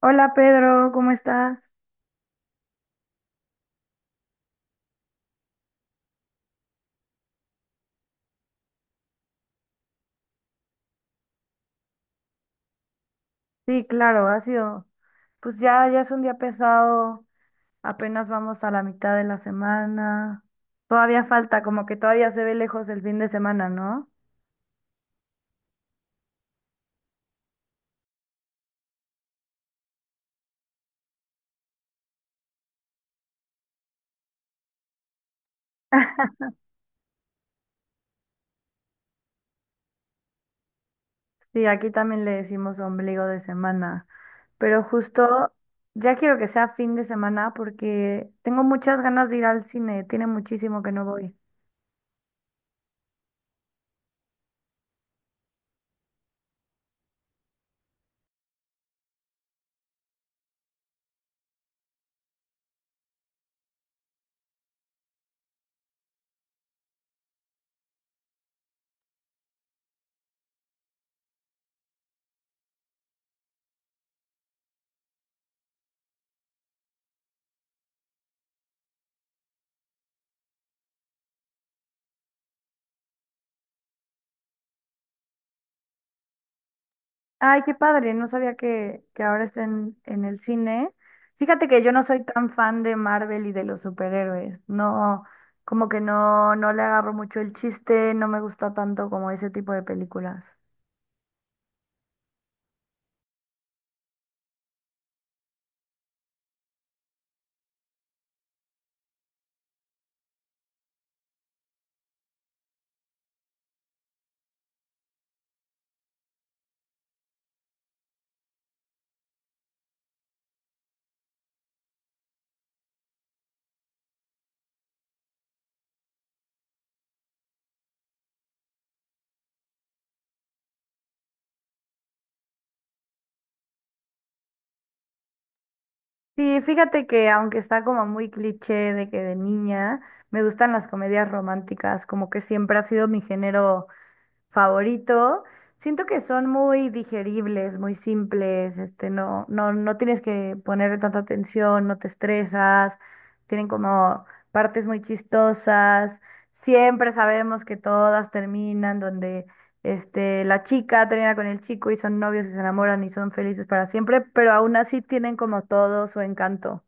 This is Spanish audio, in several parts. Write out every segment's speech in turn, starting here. Hola Pedro, ¿cómo estás? Sí, claro, ha sido, pues ya es un día pesado, apenas vamos a la mitad de la semana, todavía falta, como que todavía se ve lejos el fin de semana, ¿no? Sí, aquí también le decimos ombligo de semana, pero justo ya quiero que sea fin de semana porque tengo muchas ganas de ir al cine, tiene muchísimo que no voy. Ay, qué padre, no sabía que ahora estén en el cine. Fíjate que yo no soy tan fan de Marvel y de los superhéroes. No, como que no le agarro mucho el chiste, no me gusta tanto como ese tipo de películas. Sí, fíjate que aunque está como muy cliché de que de niña, me gustan las comedias románticas, como que siempre ha sido mi género favorito. Siento que son muy digeribles, muy simples, este, no tienes que ponerle tanta atención, no te estresas, tienen como partes muy chistosas. Siempre sabemos que todas terminan donde este, la chica termina con el chico y son novios y se enamoran y son felices para siempre, pero aún así tienen como todo su encanto.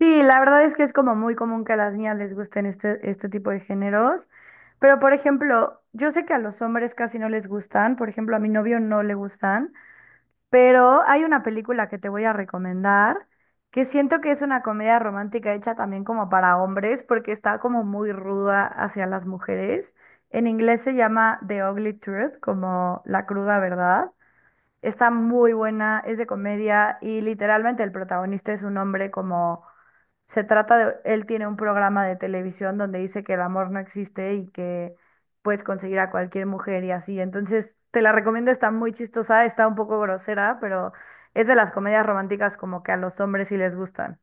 Sí, la verdad es que es como muy común que a las niñas les gusten este, este tipo de géneros, pero por ejemplo, yo sé que a los hombres casi no les gustan, por ejemplo, a mi novio no le gustan, pero hay una película que te voy a recomendar que siento que es una comedia romántica hecha también como para hombres porque está como muy ruda hacia las mujeres. En inglés se llama The Ugly Truth, como la cruda verdad. Está muy buena, es de comedia y literalmente el protagonista es un hombre como se trata de, él tiene un programa de televisión donde dice que el amor no existe y que puedes conseguir a cualquier mujer y así. Entonces, te la recomiendo, está muy chistosa, está un poco grosera, pero es de las comedias románticas como que a los hombres sí les gustan.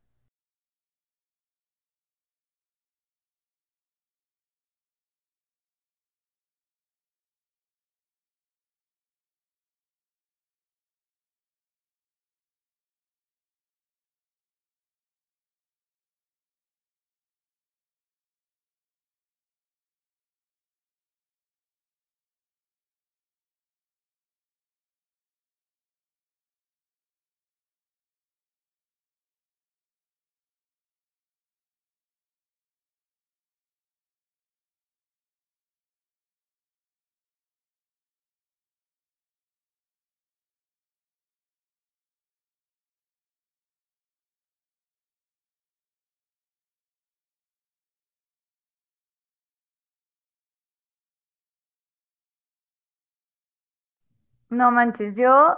No manches, yo,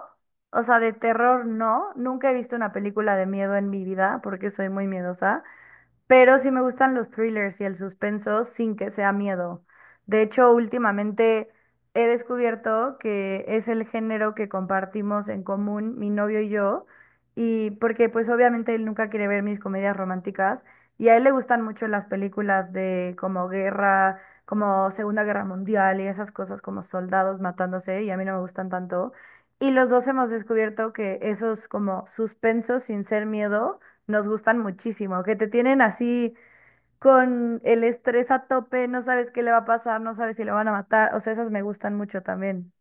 o sea, de terror no, nunca he visto una película de miedo en mi vida porque soy muy miedosa, pero sí me gustan los thrillers y el suspenso sin que sea miedo. De hecho, últimamente he descubierto que es el género que compartimos en común mi novio y yo, y porque pues obviamente él nunca quiere ver mis comedias románticas y a él le gustan mucho las películas de como guerra, como Segunda Guerra Mundial y esas cosas como soldados matándose y a mí no me gustan tanto. Y los dos hemos descubierto que esos como suspensos sin ser miedo nos gustan muchísimo, que te tienen así con el estrés a tope, no sabes qué le va a pasar, no sabes si lo van a matar, o sea, esas me gustan mucho también.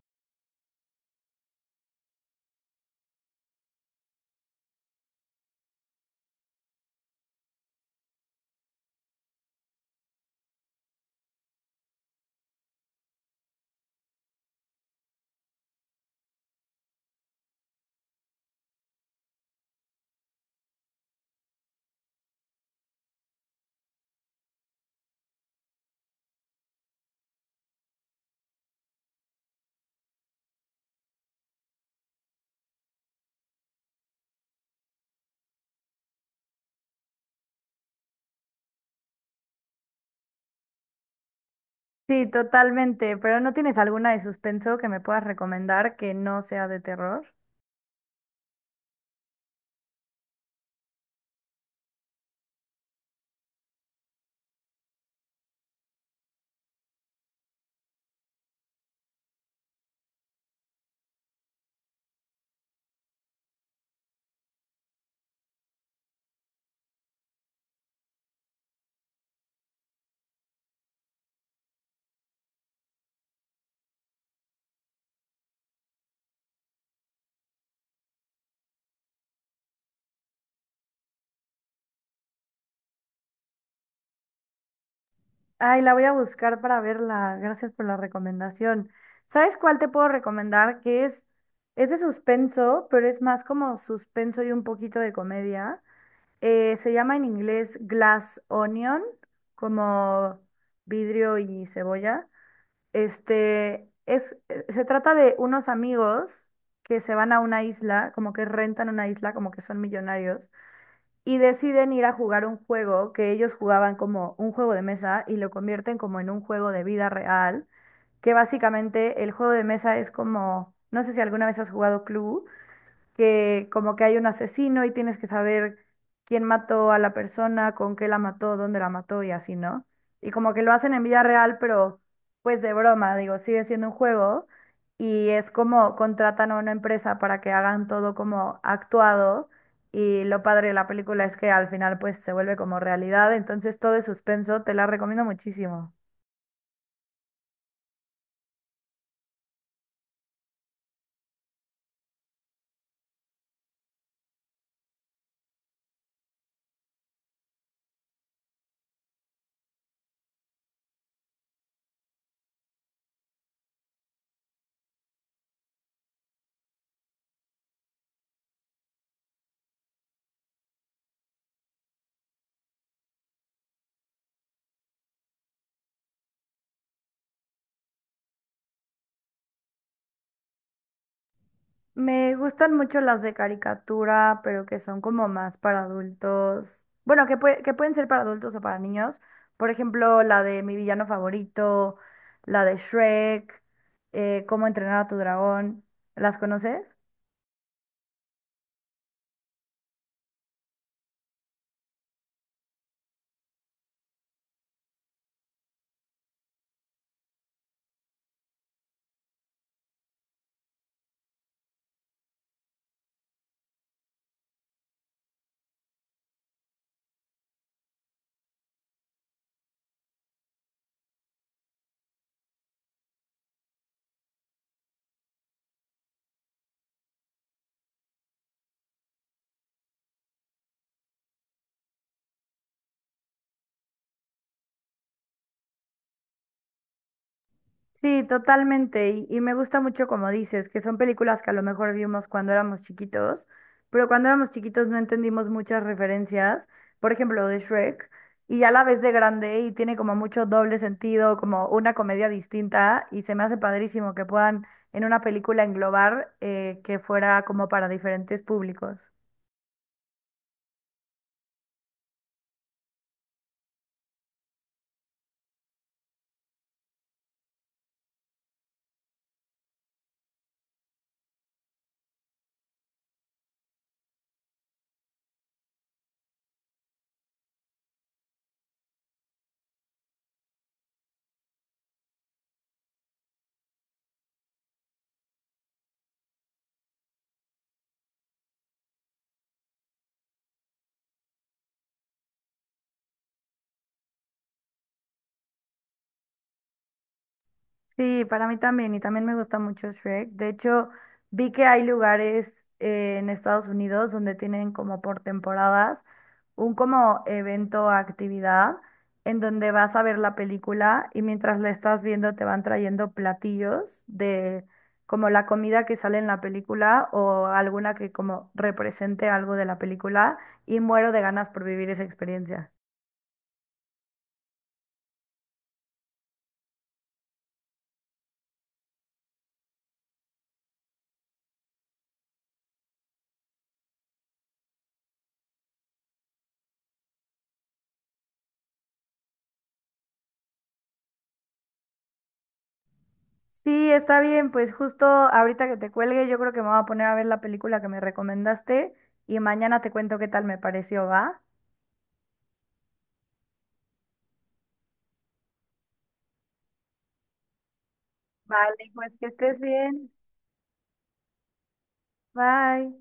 Sí, totalmente, pero ¿no tienes alguna de suspenso que me puedas recomendar que no sea de terror? Ay, la voy a buscar para verla, gracias por la recomendación. ¿Sabes cuál te puedo recomendar? Que es de suspenso, pero es más como suspenso y un poquito de comedia. Se llama en inglés glass onion, como vidrio y cebolla. Este, es, se trata de unos amigos que se van a una isla, como que rentan una isla, como que son millonarios, y deciden ir a jugar un juego que ellos jugaban como un juego de mesa y lo convierten como en un juego de vida real, que básicamente el juego de mesa es como, no sé si alguna vez has jugado Clue, que como que hay un asesino y tienes que saber quién mató a la persona, con qué la mató, dónde la mató y así, ¿no? Y como que lo hacen en vida real, pero pues de broma, digo, sigue siendo un juego y es como contratan a una empresa para que hagan todo como actuado y lo padre de la película es que al final pues se vuelve como realidad, entonces todo es suspenso, te la recomiendo muchísimo. Me gustan mucho las de caricatura, pero que son como más para adultos. Bueno, que, pue- que pueden ser para adultos o para niños. Por ejemplo, la de Mi villano favorito, la de Shrek, Cómo entrenar a tu dragón. ¿Las conoces? Sí, totalmente. Y me gusta mucho como dices, que son películas que a lo mejor vimos cuando éramos chiquitos, pero cuando éramos chiquitos no entendimos muchas referencias, por ejemplo, de Shrek, y ya la ves de grande y tiene como mucho doble sentido, como una comedia distinta, y se me hace padrísimo que puedan en una película englobar que fuera como para diferentes públicos. Sí, para mí también, y también me gusta mucho Shrek. De hecho, vi que hay lugares en Estados Unidos donde tienen como por temporadas un como evento o actividad en donde vas a ver la película y mientras la estás viendo te van trayendo platillos de como la comida que sale en la película o alguna que como represente algo de la película y muero de ganas por vivir esa experiencia. Sí, está bien, pues justo ahorita que te cuelgue, yo creo que me voy a poner a ver la película que me recomendaste y mañana te cuento qué tal me pareció, ¿va? Vale, pues que estés bien. Bye.